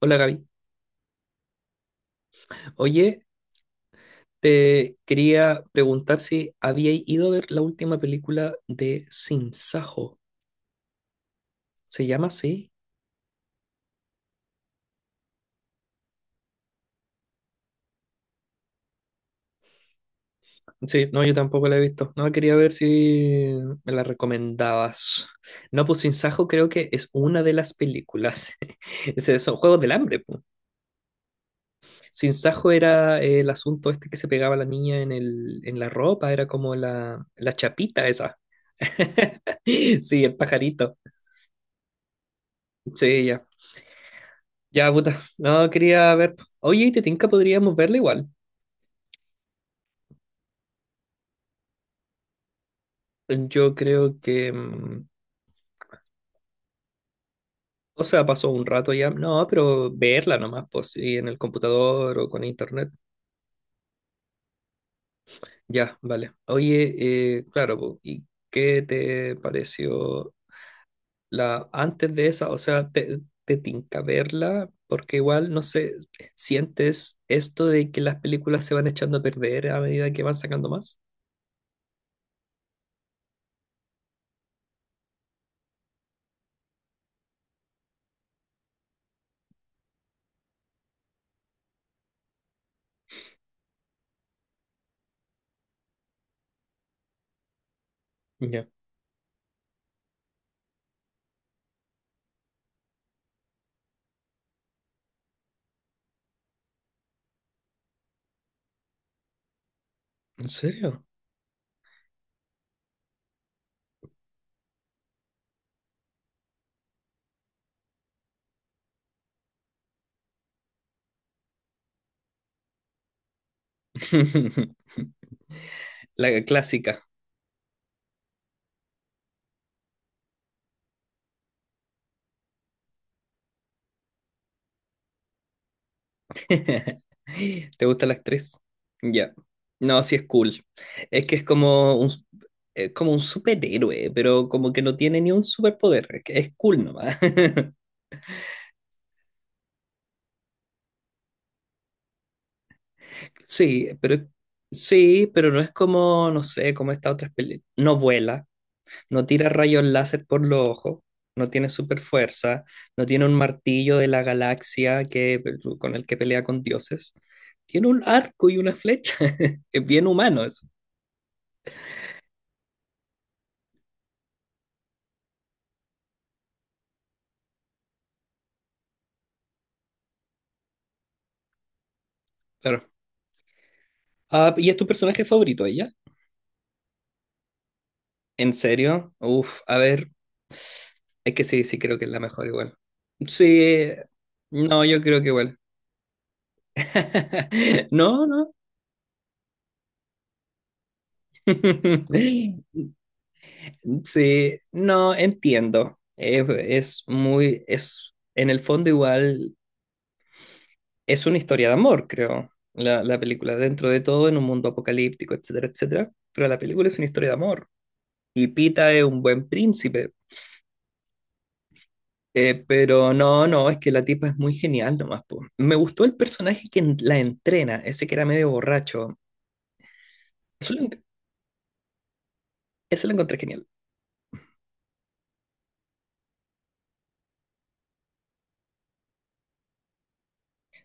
Hola, Gaby. Oye, te quería preguntar si había ido a ver la última película de Sin Sajo. ¿Se llama así? Sí, no, yo tampoco la he visto. No, quería ver si me la recomendabas. No, pues Sin Sajo creo que es una de las películas. Ese- Son Juegos del Hambre, pues. Sin Sajo era el asunto este que se pegaba la niña en el, en la ropa, era como la chapita esa. Sí, el pajarito. Sí, ya. Ya, puta. No, quería ver. Oye, ¿y te tinca? Podríamos verla igual. Yo creo que. O sea, pasó un rato ya. No, pero verla nomás, pues, sí, en el computador o con internet. Ya, vale. Oye, claro, po, ¿y qué te pareció la antes de esa? O sea, ¿te, te tinca verla? Porque igual, no sé, ¿sientes esto de que las películas se van echando a perder a medida que van sacando más? Ya. ¿En serio? La clásica. ¿Te gusta la actriz? Ya. No, sí es cool. Es que es como un superhéroe, pero como que no tiene ni un superpoder. Es, que es cool nomás. Sí, pero sí, pero no es como, no sé, como esta otra película. No vuela, no tira rayos láser por los ojos, no tiene super fuerza, no tiene un martillo de la galaxia que, con el que pelea con dioses. Tiene un arco y una flecha. Es bien humano eso. Claro. Ah, ¿y es tu personaje favorito ella? ¿En serio? Uf, a ver, es que sí, sí creo que es la mejor igual. Sí, no, yo creo que igual. No, no. Sí, no, entiendo. Es muy, es, en el fondo igual, es una historia de amor, creo, la película, dentro de todo, en un mundo apocalíptico, etcétera, etcétera, pero la película es una historia de amor. Y Pita es un buen príncipe. Pero no, no, es que la tipa es muy genial nomás, po. Me gustó el personaje que en- la entrena, ese que era medio borracho. Eso lo, en- eso lo encontré genial.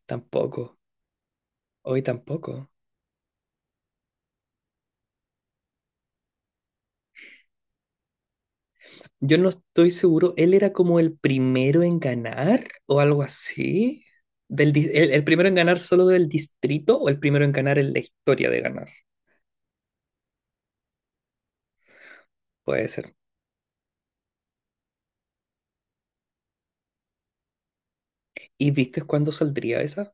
Tampoco, hoy tampoco. Yo no estoy seguro, él era como el primero en ganar o algo así. Del, dis- el primero en ganar solo del distrito o el primero en ganar en la historia de ganar. Puede ser. ¿Y viste cuándo saldría esa?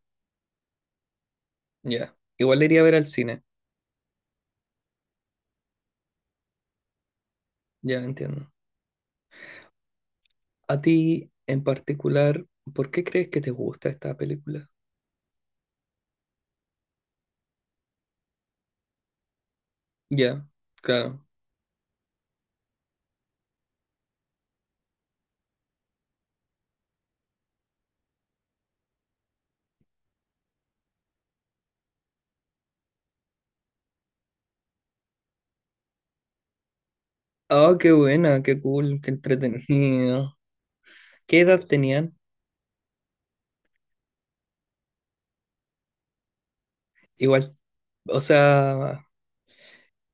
Ya. Igual le iría a ver al cine. Ya entiendo. A ti en particular, ¿por qué crees que te gusta esta película? Ya, claro. Ah, qué buena, qué cool, qué entretenido. ¿Qué edad tenían? Igual, o sea,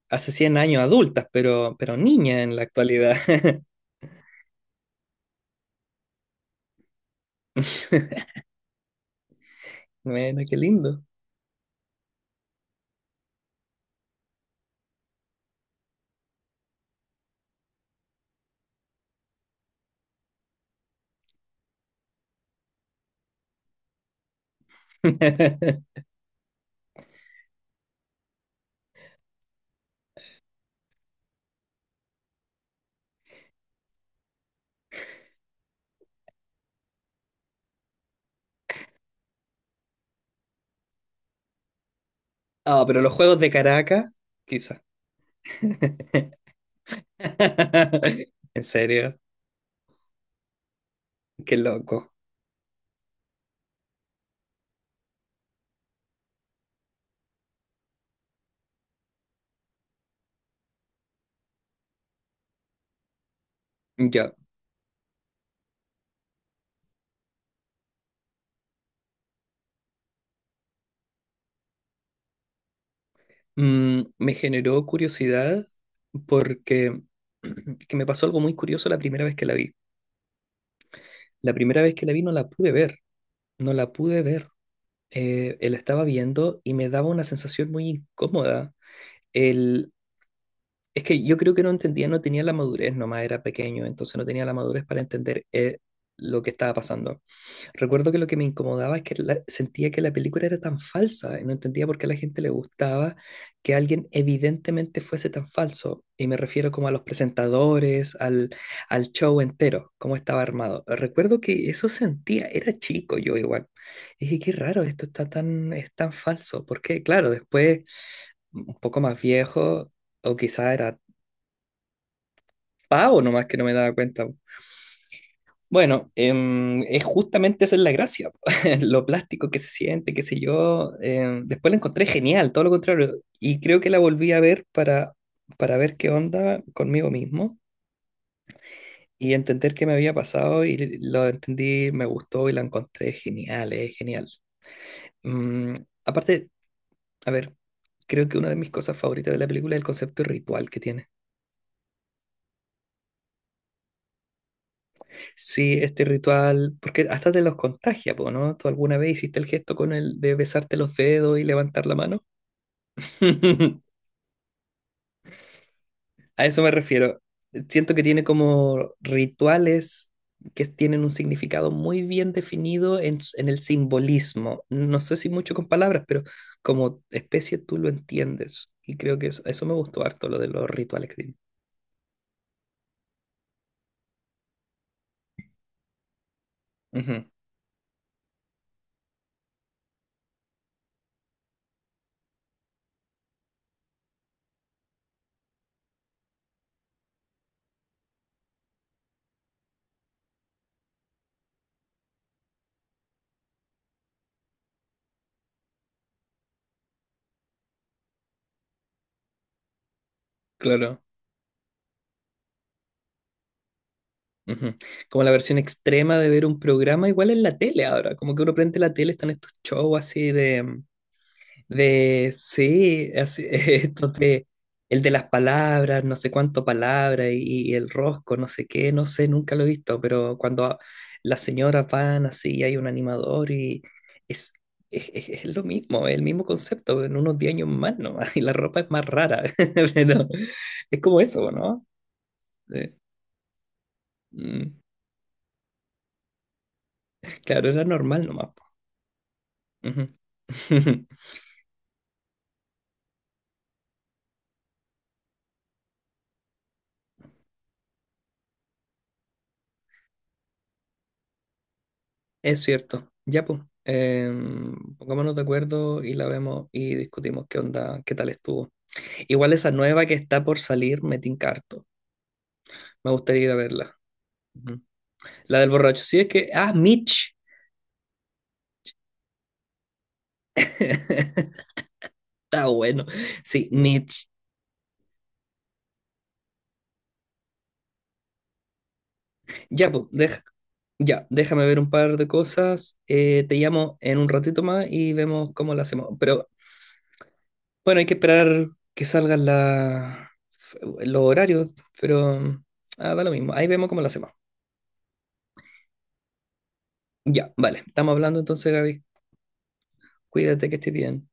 hace 100 años adultas, pero niñas en la actualidad. Bueno, qué lindo. Ah, pero los juegos de Caracas, quizá. En serio, qué loco. Ya. Me generó curiosidad porque que me pasó algo muy curioso la primera vez que la vi. La primera vez que la vi no la pude ver, no la pude ver. La estaba viendo y me daba una sensación muy incómoda. El, es que yo creo que no entendía, no tenía la madurez, nomás era pequeño, entonces no tenía la madurez para entender lo que estaba pasando. Recuerdo que lo que me incomodaba es que la- sentía que la película era tan falsa y no entendía por qué a la gente le gustaba que alguien evidentemente fuese tan falso. Y me refiero como a los presentadores, al, al show entero, cómo estaba armado. Recuerdo que eso sentía, era chico yo igual. Y dije, qué raro, esto está tan, es tan falso. Porque claro, después, un poco más viejo, o quizá era pavo nomás que no me daba cuenta. Bueno, es justamente esa es la gracia, lo plástico que se siente, qué sé yo. Después la encontré genial, todo lo contrario. Y creo que la volví a ver para ver qué onda conmigo mismo y entender qué me había pasado y lo entendí, me gustó y la encontré genial, es genial. Mm, Aparte, a ver, creo que una de mis cosas favoritas de la película es el concepto de ritual que tiene. Sí, este ritual, porque hasta te los contagia, po, ¿no? ¿Tú alguna vez hiciste el gesto con el de besarte los dedos y levantar la mano? A eso me refiero. Siento que tiene como rituales que tienen un significado muy bien definido en, s- en el simbolismo. No sé si mucho con palabras, pero como especie tú lo entiendes. Y creo que eso me gustó harto, lo de los rituales que tiene. Ujú, claro. Ujú. Como la versión extrema de ver un programa, igual en la tele ahora, como que uno prende la tele, están estos shows así de, sí, así, estos de, el de las palabras, no sé cuánto palabra y el rosco, no sé qué, no sé, nunca lo he visto, pero cuando a- las señoras van así, y hay un animador y es, es, es lo mismo, es el mismo concepto, en unos 10 años más nomás, y la ropa es más rara, pero es como eso, ¿no? Eh, mm, claro, era normal nomás. Ujú. Es cierto. Ya, pues. Pongámonos de acuerdo y la vemos y discutimos qué onda, qué tal estuvo. Igual esa nueva que está por salir, me tinca harto. Me gustaría ir a verla. Ujú. La del borracho. Sí, es que. Ah, Mitch. Está bueno. Sí, Mitch. Ya, pues, deja- ya, déjame ver un par de cosas. Te llamo en un ratito más y vemos cómo la hacemos. Pero bueno, hay que esperar que salgan la, los horarios, pero ah, da lo mismo. Ahí vemos cómo lo hacemos. Ya, vale. Estamos hablando entonces, Gaby. Cuídate que estés bien.